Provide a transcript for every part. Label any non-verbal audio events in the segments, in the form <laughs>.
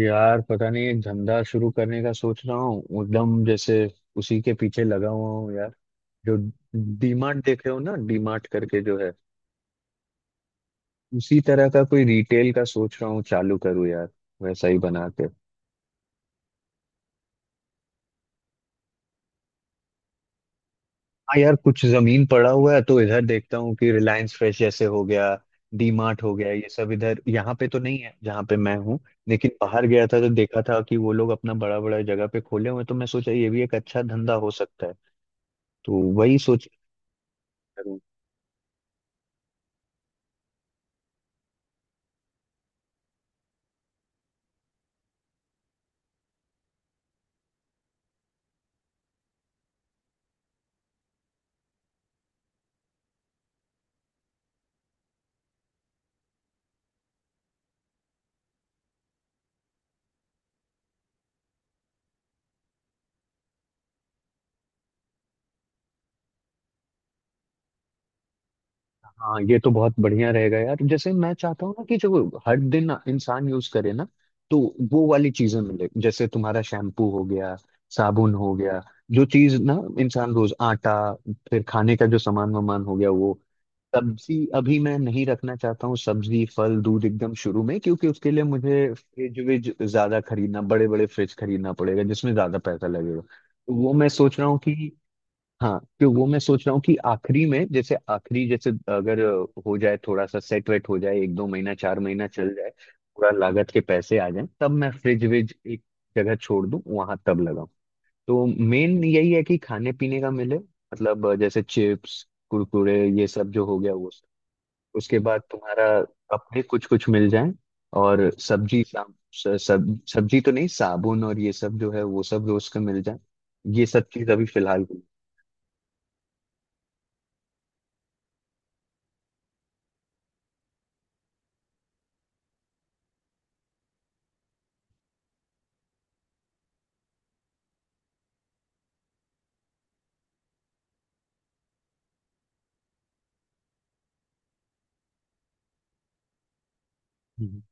यार पता नहीं, एक धंधा शुरू करने का सोच रहा हूँ, एकदम जैसे उसी के पीछे लगा हुआ हूँ यार। जो डीमार्ट देखे हो ना, डीमार्ट करके जो है, उसी तरह का कोई रिटेल का सोच रहा हूँ चालू करूँ यार, वैसा ही बना के। हाँ यार, कुछ जमीन पड़ा हुआ है तो इधर देखता हूँ कि रिलायंस फ्रेश जैसे हो गया, डीमार्ट हो गया, ये सब इधर यहाँ पे तो नहीं है जहाँ पे मैं हूँ। लेकिन बाहर गया था तो देखा था कि वो लोग अपना बड़ा बड़ा जगह पे खोले हुए हैं, तो मैं सोचा ये भी एक अच्छा धंधा हो सकता है। तो वही सोच। हाँ ये तो बहुत बढ़िया रहेगा यार। जैसे मैं चाहता हूँ ना कि जो हर दिन इंसान यूज करे ना, तो वो वाली चीजें मिले। जैसे तुम्हारा शैम्पू हो गया, साबुन हो गया, जो चीज ना इंसान रोज, आटा, फिर खाने का जो सामान वामान हो गया वो। सब्जी अभी मैं नहीं रखना चाहता हूँ, सब्जी फल दूध एकदम शुरू में, क्योंकि उसके लिए मुझे फ्रिज विज ज्यादा खरीदना, बड़े बड़े फ्रिज खरीदना पड़ेगा जिसमें ज्यादा पैसा लगेगा, तो वो मैं सोच रहा हूँ कि हाँ, तो वो मैं सोच रहा हूँ कि आखिरी में जैसे, आखिरी जैसे, अगर हो जाए थोड़ा सा, सेट वेट हो जाए, 1-2 महीना 4 महीना चल जाए, पूरा लागत के पैसे आ जाए, तब मैं फ्रिज विज एक जगह छोड़ दूँ वहां, तब लगाऊं। तो मेन यही है कि खाने पीने का मिले, मतलब जैसे चिप्स कुरकुरे ये सब जो हो गया वो सब। उसके बाद तुम्हारा अपने कुछ कुछ मिल जाए, और सब्जी सब सब्जी तो नहीं, साबुन और ये सब जो है वो सब रोज का मिल जाए, ये सब चीज अभी फिलहाल के लिए।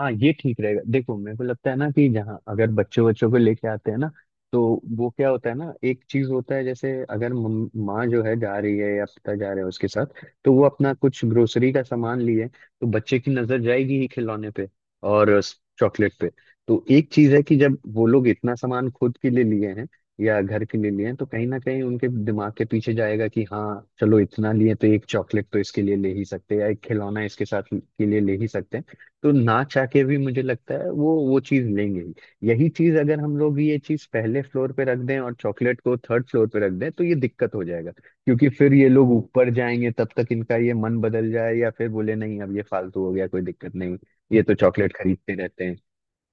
हाँ ये ठीक रहेगा। देखो मेरे को लगता है ना कि जहाँ, अगर बच्चों बच्चों को लेके आते हैं ना, तो वो क्या होता है ना, एक चीज होता है। जैसे अगर माँ जो है जा रही है या पिता जा रहे हैं उसके साथ, तो वो अपना कुछ ग्रोसरी का सामान लिए, तो बच्चे की नजर जाएगी ही खिलौने पे, और चॉकलेट पे। तो एक चीज है कि जब वो लोग इतना सामान खुद के लिए लिए हैं, या घर के लिए लिए हैं, तो कहीं ना कहीं उनके दिमाग के पीछे जाएगा कि हाँ चलो, इतना लिए तो एक चॉकलेट तो इसके लिए ले ही सकते हैं, या एक खिलौना इसके साथ के लिए ले ही सकते हैं। तो ना चाह के भी मुझे लगता है वो चीज लेंगे ही। यही चीज अगर हम लोग ये चीज पहले फ्लोर पे रख दें और चॉकलेट को थर्ड फ्लोर पे रख दें, तो ये दिक्कत हो जाएगा, क्योंकि फिर ये लोग ऊपर जाएंगे, तब तक इनका ये मन बदल जाए, या फिर बोले नहीं अब ये फालतू हो गया कोई दिक्कत नहीं, ये तो चॉकलेट खरीदते रहते हैं।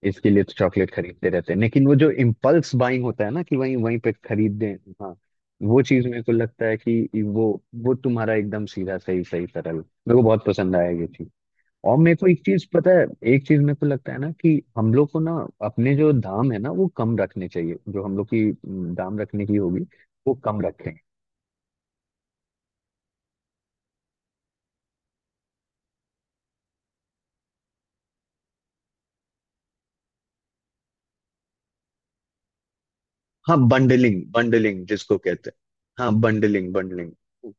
इसके लिए तो चॉकलेट खरीदते रहते हैं, लेकिन वो जो इम्पल्स बाइंग होता है ना, कि वहीं वहीं पे खरीद दें। हाँ, वो चीज मेरे को लगता है कि वो तुम्हारा एकदम सीधा, सही सही सरल, मेरे को बहुत पसंद आया ये चीज। और मेरे को एक चीज पता है, एक चीज मेरे को लगता है ना कि हम लोग को ना अपने जो दाम है ना वो कम रखने चाहिए, जो हम लोग की दाम रखने की होगी वो कम रखें। हाँ बंडलिंग बंडलिंग जिसको कहते हैं, हाँ बंडलिंग बंडलिंग।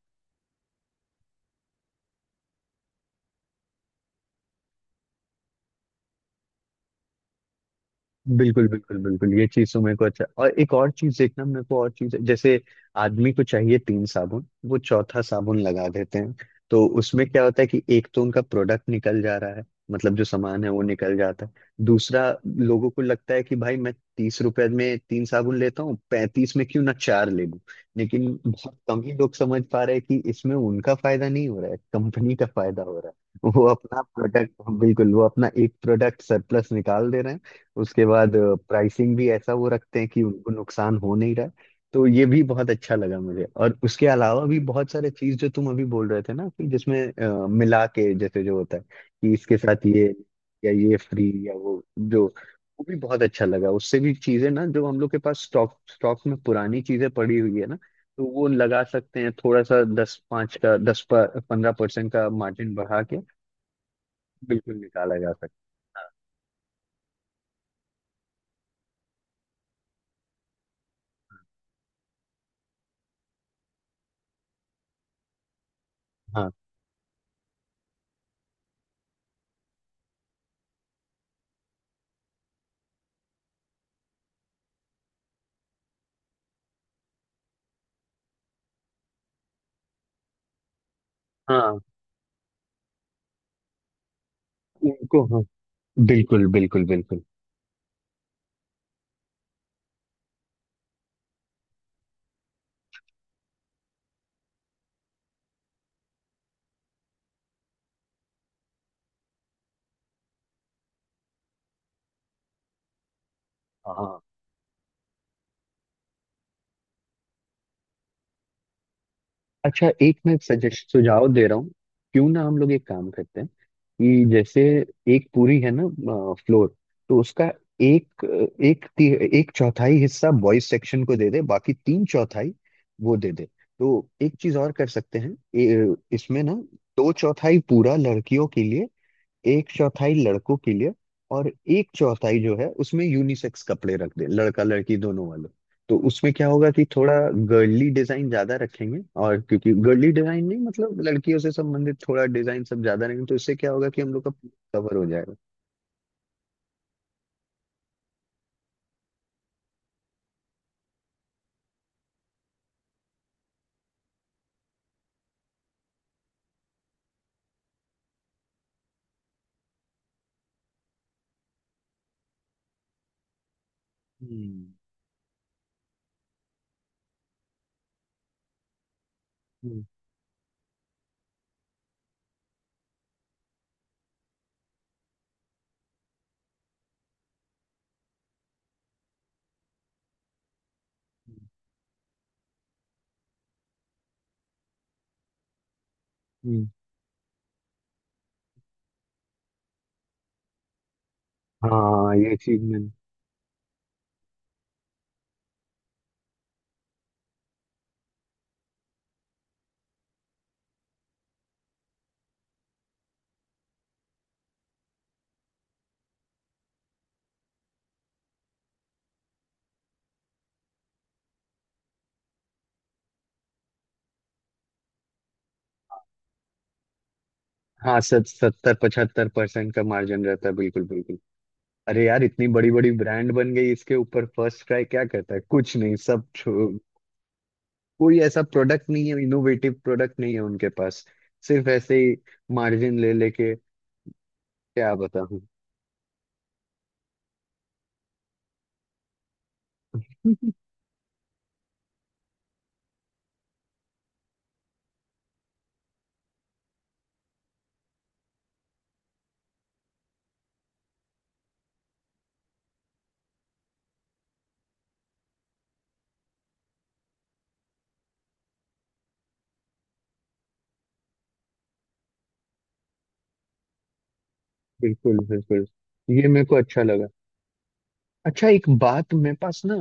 बिल्कुल बिल्कुल बिल्कुल, ये चीज तो मेरे को अच्छा, और एक और चीज देखना, मेरे को और चीज है, जैसे आदमी को चाहिए तीन साबुन, वो चौथा साबुन लगा देते हैं। तो उसमें क्या होता है कि एक तो उनका प्रोडक्ट निकल जा रहा है, मतलब जो सामान है वो निकल जाता है। दूसरा, लोगों को लगता है कि भाई मैं 30 रुपए में तीन साबुन लेता हूँ, 35 में क्यों ना चार ले लूं। लेकिन बहुत कम ही लोग समझ पा रहे हैं कि इसमें उनका फायदा नहीं हो रहा है, कंपनी का फायदा हो रहा है। वो अपना प्रोडक्ट बिल्कुल, वो अपना एक प्रोडक्ट सरप्लस निकाल दे रहे हैं। उसके बाद प्राइसिंग भी ऐसा वो रखते हैं कि उनको नुकसान हो नहीं रहा है। तो ये भी बहुत अच्छा लगा मुझे, और उसके अलावा भी बहुत सारे चीज जो तुम अभी बोल रहे थे ना, कि जिसमें मिला के जैसे जो होता है, कि इसके साथ ये, या ये फ्री, या वो, जो वो भी बहुत अच्छा लगा। उससे भी चीजें ना जो हम लोग के पास स्टॉक स्टॉक में पुरानी चीजें पड़ी हुई है ना, तो वो लगा सकते हैं थोड़ा सा, दस पाँच का, 10-15% का मार्जिन बढ़ा के, बिल्कुल निकाला जा सकता है। हाँ हाँ हाँ, उनको हाँ। बिल्कुल बिल्कुल बिल्कुल। हाँ, अच्छा एक मैं सजेस्ट सुझाव दे रहा हूँ, क्यों ना हम लोग एक काम करते हैं, कि जैसे एक पूरी है ना फ्लोर, तो उसका एक एक ती, एक चौथाई हिस्सा बॉयज सेक्शन को दे दे, बाकी तीन चौथाई वो दे दे। तो एक चीज और कर सकते हैं, इसमें ना दो चौथाई पूरा लड़कियों के लिए, एक चौथाई लड़कों के लिए, और एक चौथाई जो है उसमें यूनिसेक्स कपड़े रख दें, लड़का लड़की दोनों वाले। तो उसमें क्या होगा कि थोड़ा गर्ली डिजाइन ज्यादा रखेंगे, और क्योंकि गर्ली डिजाइन नहीं मतलब लड़कियों से संबंधित थोड़ा डिजाइन सब ज्यादा रहेंगे, तो इससे क्या होगा कि हम लोग का कवर हो जाएगा। हम्म हम्म हम्म, हम्म। हाँ ये चीज में। हाँ सत 70-75% का मार्जिन रहता है, बिल्कुल बिल्कुल। अरे यार इतनी बड़ी बड़ी ब्रांड बन गई, इसके ऊपर फर्स्ट ट्राई क्या करता है, कुछ नहीं, सब कोई ऐसा प्रोडक्ट नहीं है, इनोवेटिव प्रोडक्ट नहीं है उनके पास, सिर्फ ऐसे ही मार्जिन ले लेके क्या बताऊं। <laughs> बिल्कुल बिल्कुल, ये मेरे को अच्छा लगा। अच्छा एक बात मेरे पास ना,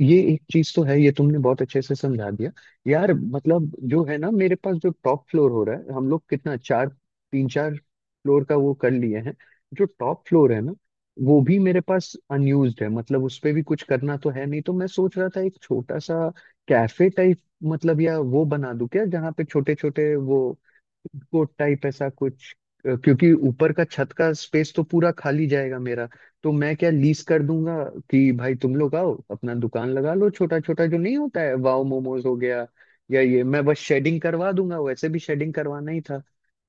ये एक चीज तो है, ये तुमने बहुत अच्छे से समझा दिया। यार मतलब जो है ना, मेरे पास जो टॉप फ्लोर हो रहा है, हम लोग कितना, चार तीन चार फ्लोर का वो कर लिए हैं, जो टॉप फ्लोर है ना वो भी मेरे पास अनयूज्ड है, मतलब उस पे भी कुछ करना तो है नहीं, तो मैं सोच रहा था एक छोटा सा कैफे टाइप, मतलब या वो बना दूं क्या, जहाँ पे छोटे छोटे वो कोट टाइप ऐसा कुछ, क्योंकि ऊपर का छत का स्पेस तो पूरा खाली जाएगा मेरा, तो मैं क्या लीज कर दूंगा, कि भाई तुम लोग आओ अपना दुकान लगा लो, छोटा छोटा जो नहीं होता है, वाओ मोमोज हो गया, या ये मैं बस शेडिंग करवा दूंगा, वैसे भी शेडिंग करवाना ही था।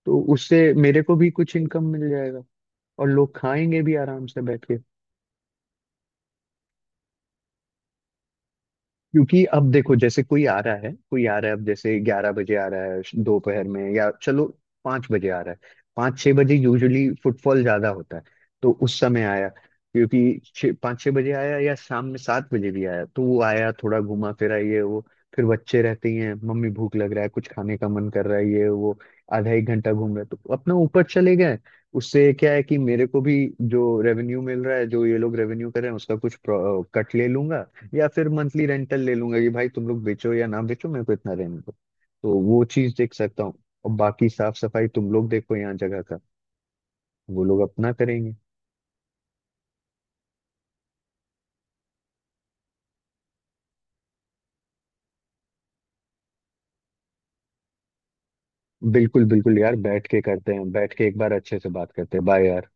तो उससे मेरे को भी कुछ इनकम मिल जाएगा, और लोग खाएंगे भी आराम से बैठ के। क्योंकि अब देखो जैसे कोई आ रहा है, कोई आ रहा है, अब जैसे 11 बजे आ रहा है दोपहर में, या चलो 5 बजे आ रहा है, 5-6 बजे यूजुअली फुटफॉल ज्यादा होता है, तो उस समय आया। क्योंकि छः 5-6 बजे आया या शाम में 7 बजे भी आया, तो वो आया थोड़ा घुमा फिरा ये वो, फिर बच्चे रहते ही हैं, मम्मी भूख लग रहा है, कुछ खाने का मन कर रहा है, ये वो आधा एक घंटा घूम रहा है, तो अपना ऊपर चले गए। उससे क्या है कि मेरे को भी जो रेवेन्यू मिल रहा है, जो ये लोग रेवेन्यू कर रहे हैं, उसका कुछ कट ले लूंगा, या फिर मंथली रेंटल ले लूंगा कि भाई तुम लोग बेचो या ना बेचो मेरे को इतना रेंट दो। तो वो चीज देख सकता हूँ, और बाकी साफ सफाई तुम लोग देखो यहाँ जगह का, वो लोग अपना करेंगे। बिल्कुल बिल्कुल यार, बैठ के करते हैं, बैठ के एक बार अच्छे से बात करते हैं, बाय यार।